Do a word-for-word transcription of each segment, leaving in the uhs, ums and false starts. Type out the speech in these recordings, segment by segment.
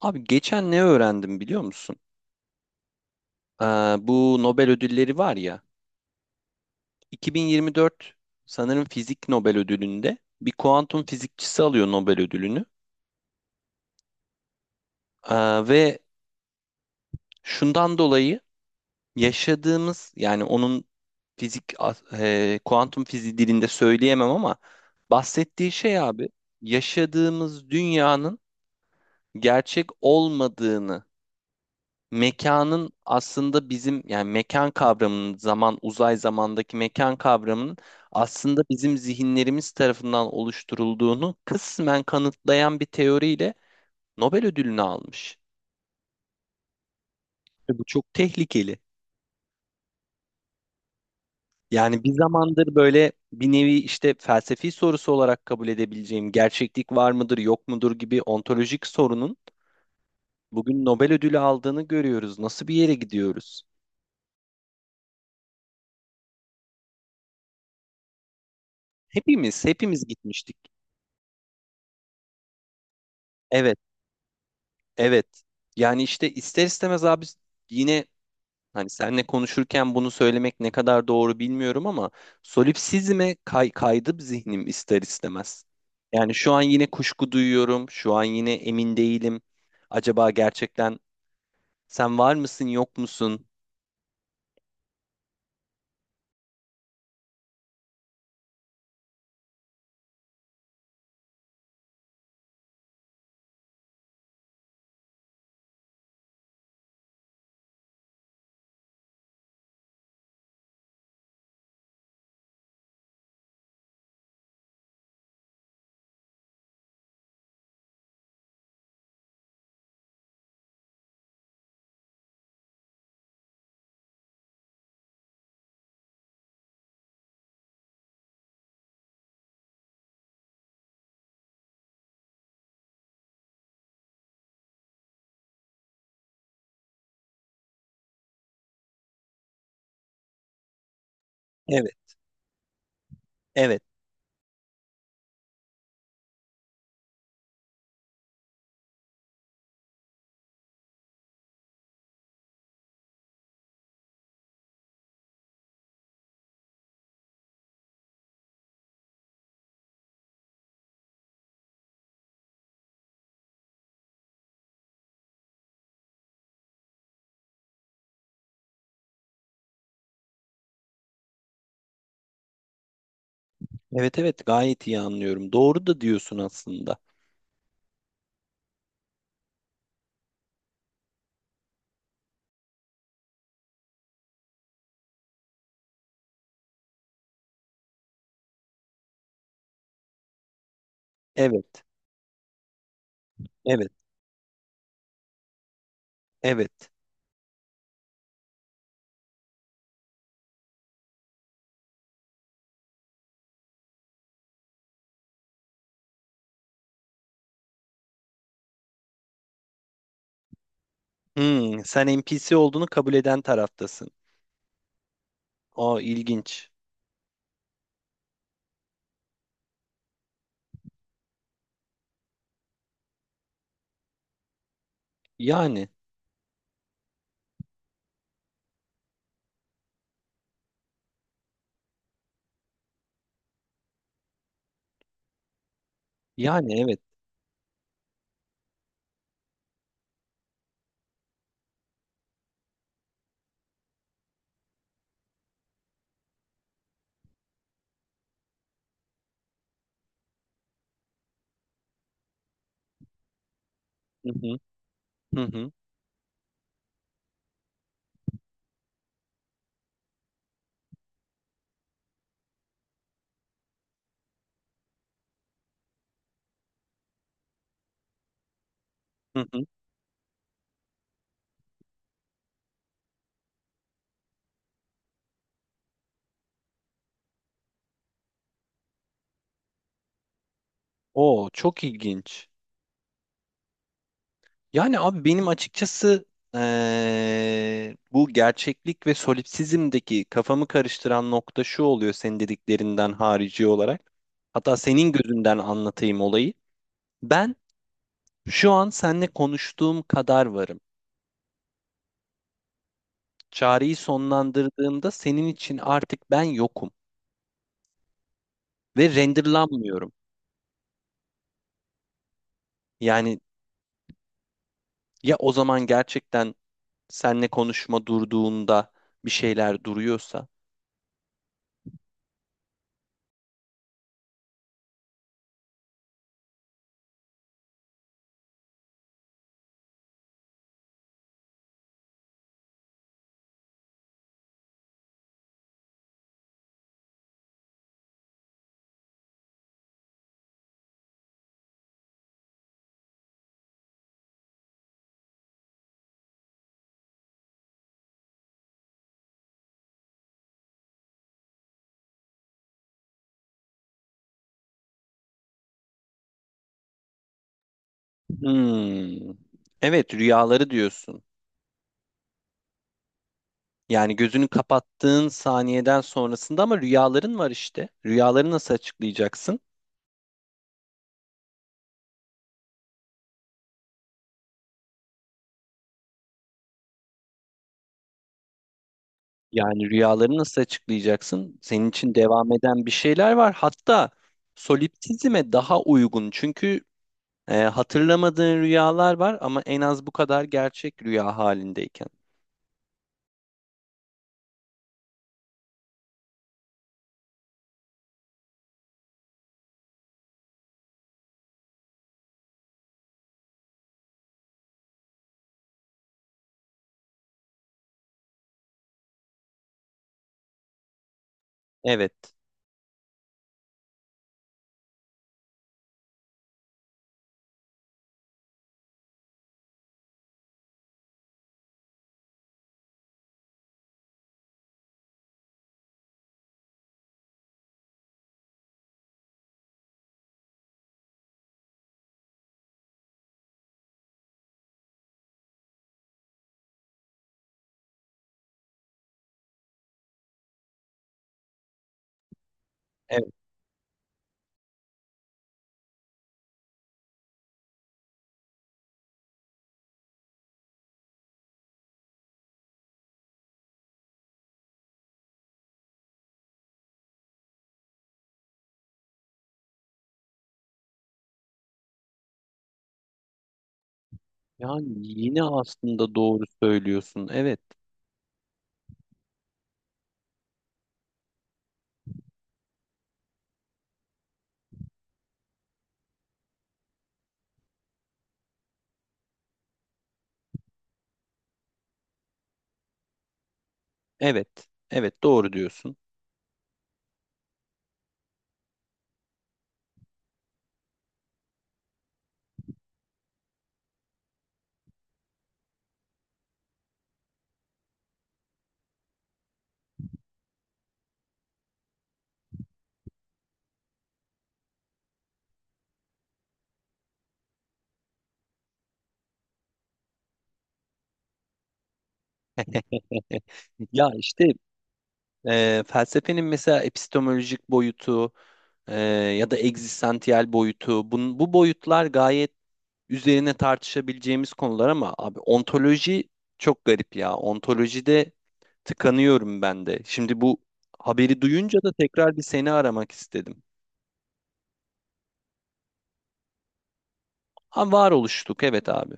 Abi geçen ne öğrendim biliyor musun? Ee, Bu Nobel ödülleri var ya. iki bin yirmi dört sanırım fizik Nobel ödülünde bir kuantum fizikçisi alıyor Nobel ödülünü. Ee, ve şundan dolayı yaşadığımız yani onun fizik e, kuantum fiziği dilinde söyleyemem ama bahsettiği şey abi yaşadığımız dünyanın gerçek olmadığını mekanın aslında bizim yani mekan kavramının zaman uzay zamandaki mekan kavramının aslında bizim zihinlerimiz tarafından oluşturulduğunu kısmen kanıtlayan bir teoriyle Nobel ödülünü almış. Ve bu çok tehlikeli. Yani bir zamandır böyle bir nevi işte felsefi sorusu olarak kabul edebileceğim gerçeklik var mıdır yok mudur gibi ontolojik sorunun bugün Nobel ödülü aldığını görüyoruz. Nasıl bir yere gidiyoruz? Hepimiz, hepimiz gitmiştik. Evet. Evet. Yani işte ister istemez abi yine hani seninle konuşurken bunu söylemek ne kadar doğru bilmiyorum ama solipsizme kay kaydı zihnim ister istemez. Yani şu an yine kuşku duyuyorum. Şu an yine emin değilim. Acaba gerçekten sen var mısın yok musun? Evet. Evet. Evet evet gayet iyi anlıyorum. Doğru da diyorsun aslında. Evet. Evet. Evet. Hmm, sen N P C olduğunu kabul eden taraftasın. Aa ilginç. Yani. Yani evet. Hı hı, hı hı, hı hı. Oo, çok ilginç. Yani abi benim açıkçası eee, bu gerçeklik ve solipsizmdeki kafamı karıştıran nokta şu oluyor senin dediklerinden harici olarak. Hatta senin gözünden anlatayım olayı. Ben şu an seninle konuştuğum kadar varım. Çağrıyı sonlandırdığımda senin için artık ben yokum ve renderlanmıyorum. Yani ya o zaman gerçekten seninle konuşma durduğunda bir şeyler duruyorsa Hmm. Evet, rüyaları diyorsun. Yani gözünü kapattığın saniyeden sonrasında ama rüyaların var işte. Rüyaları nasıl açıklayacaksın? Yani rüyaları nasıl açıklayacaksın? Senin için devam eden bir şeyler var. Hatta solipsizme daha uygun. Çünkü e, hatırlamadığın rüyalar var ama en az bu kadar gerçek rüya halindeyken. Evet. Evet. Yani yine aslında doğru söylüyorsun. Evet. Evet. Evet, doğru diyorsun. Ya işte Eee, felsefenin mesela epistemolojik boyutu eee, ya da egzistansiyel boyutu bun, bu boyutlar gayet üzerine tartışabileceğimiz konular ama abi ontoloji çok garip ya. Ontolojide tıkanıyorum ben de. Şimdi bu haberi duyunca da tekrar bir seni aramak istedim. Ha, var oluştuk evet abi.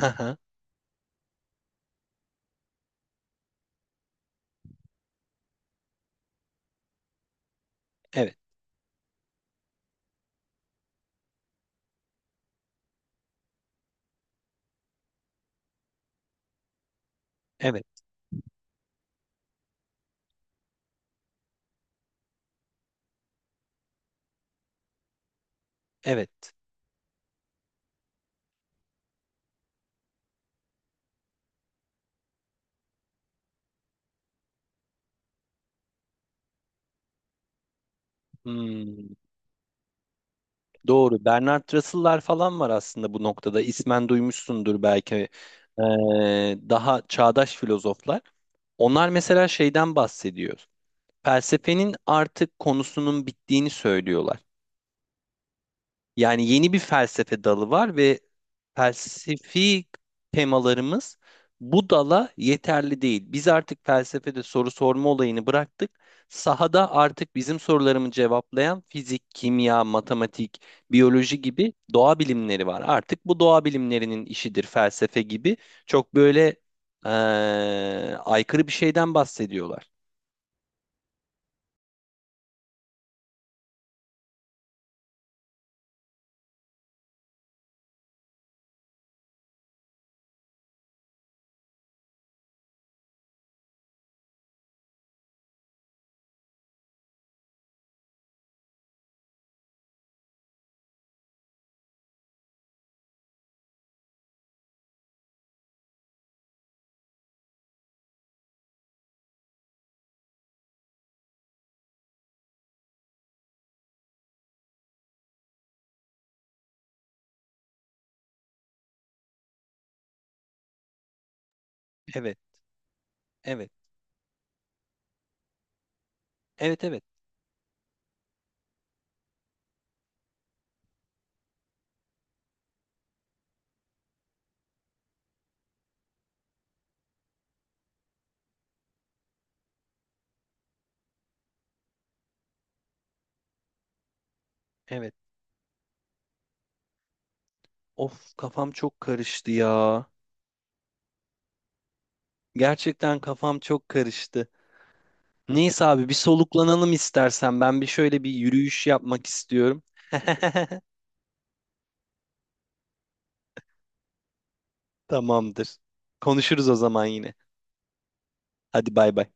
Hı hı. Evet, evet, evet. Hmm. Doğru. Bernard Russell'lar falan var aslında bu noktada. İsmen duymuşsundur belki. Ee, Daha çağdaş filozoflar. Onlar mesela şeyden bahsediyor. Felsefenin artık konusunun bittiğini söylüyorlar. Yani yeni bir felsefe dalı var ve felsefi temalarımız bu dala yeterli değil. Biz artık felsefede soru sorma olayını bıraktık. Sahada artık bizim sorularımı cevaplayan fizik, kimya, matematik, biyoloji gibi doğa bilimleri var. Artık bu doğa bilimlerinin işidir felsefe gibi. Çok böyle eee, aykırı bir şeyden bahsediyorlar. Evet, evet, evet, evet, evet. Of kafam çok karıştı ya. Gerçekten kafam çok karıştı. Neyse abi bir soluklanalım istersen. Ben bir şöyle bir yürüyüş yapmak istiyorum. Tamamdır. Konuşuruz o zaman yine. Hadi bay bay.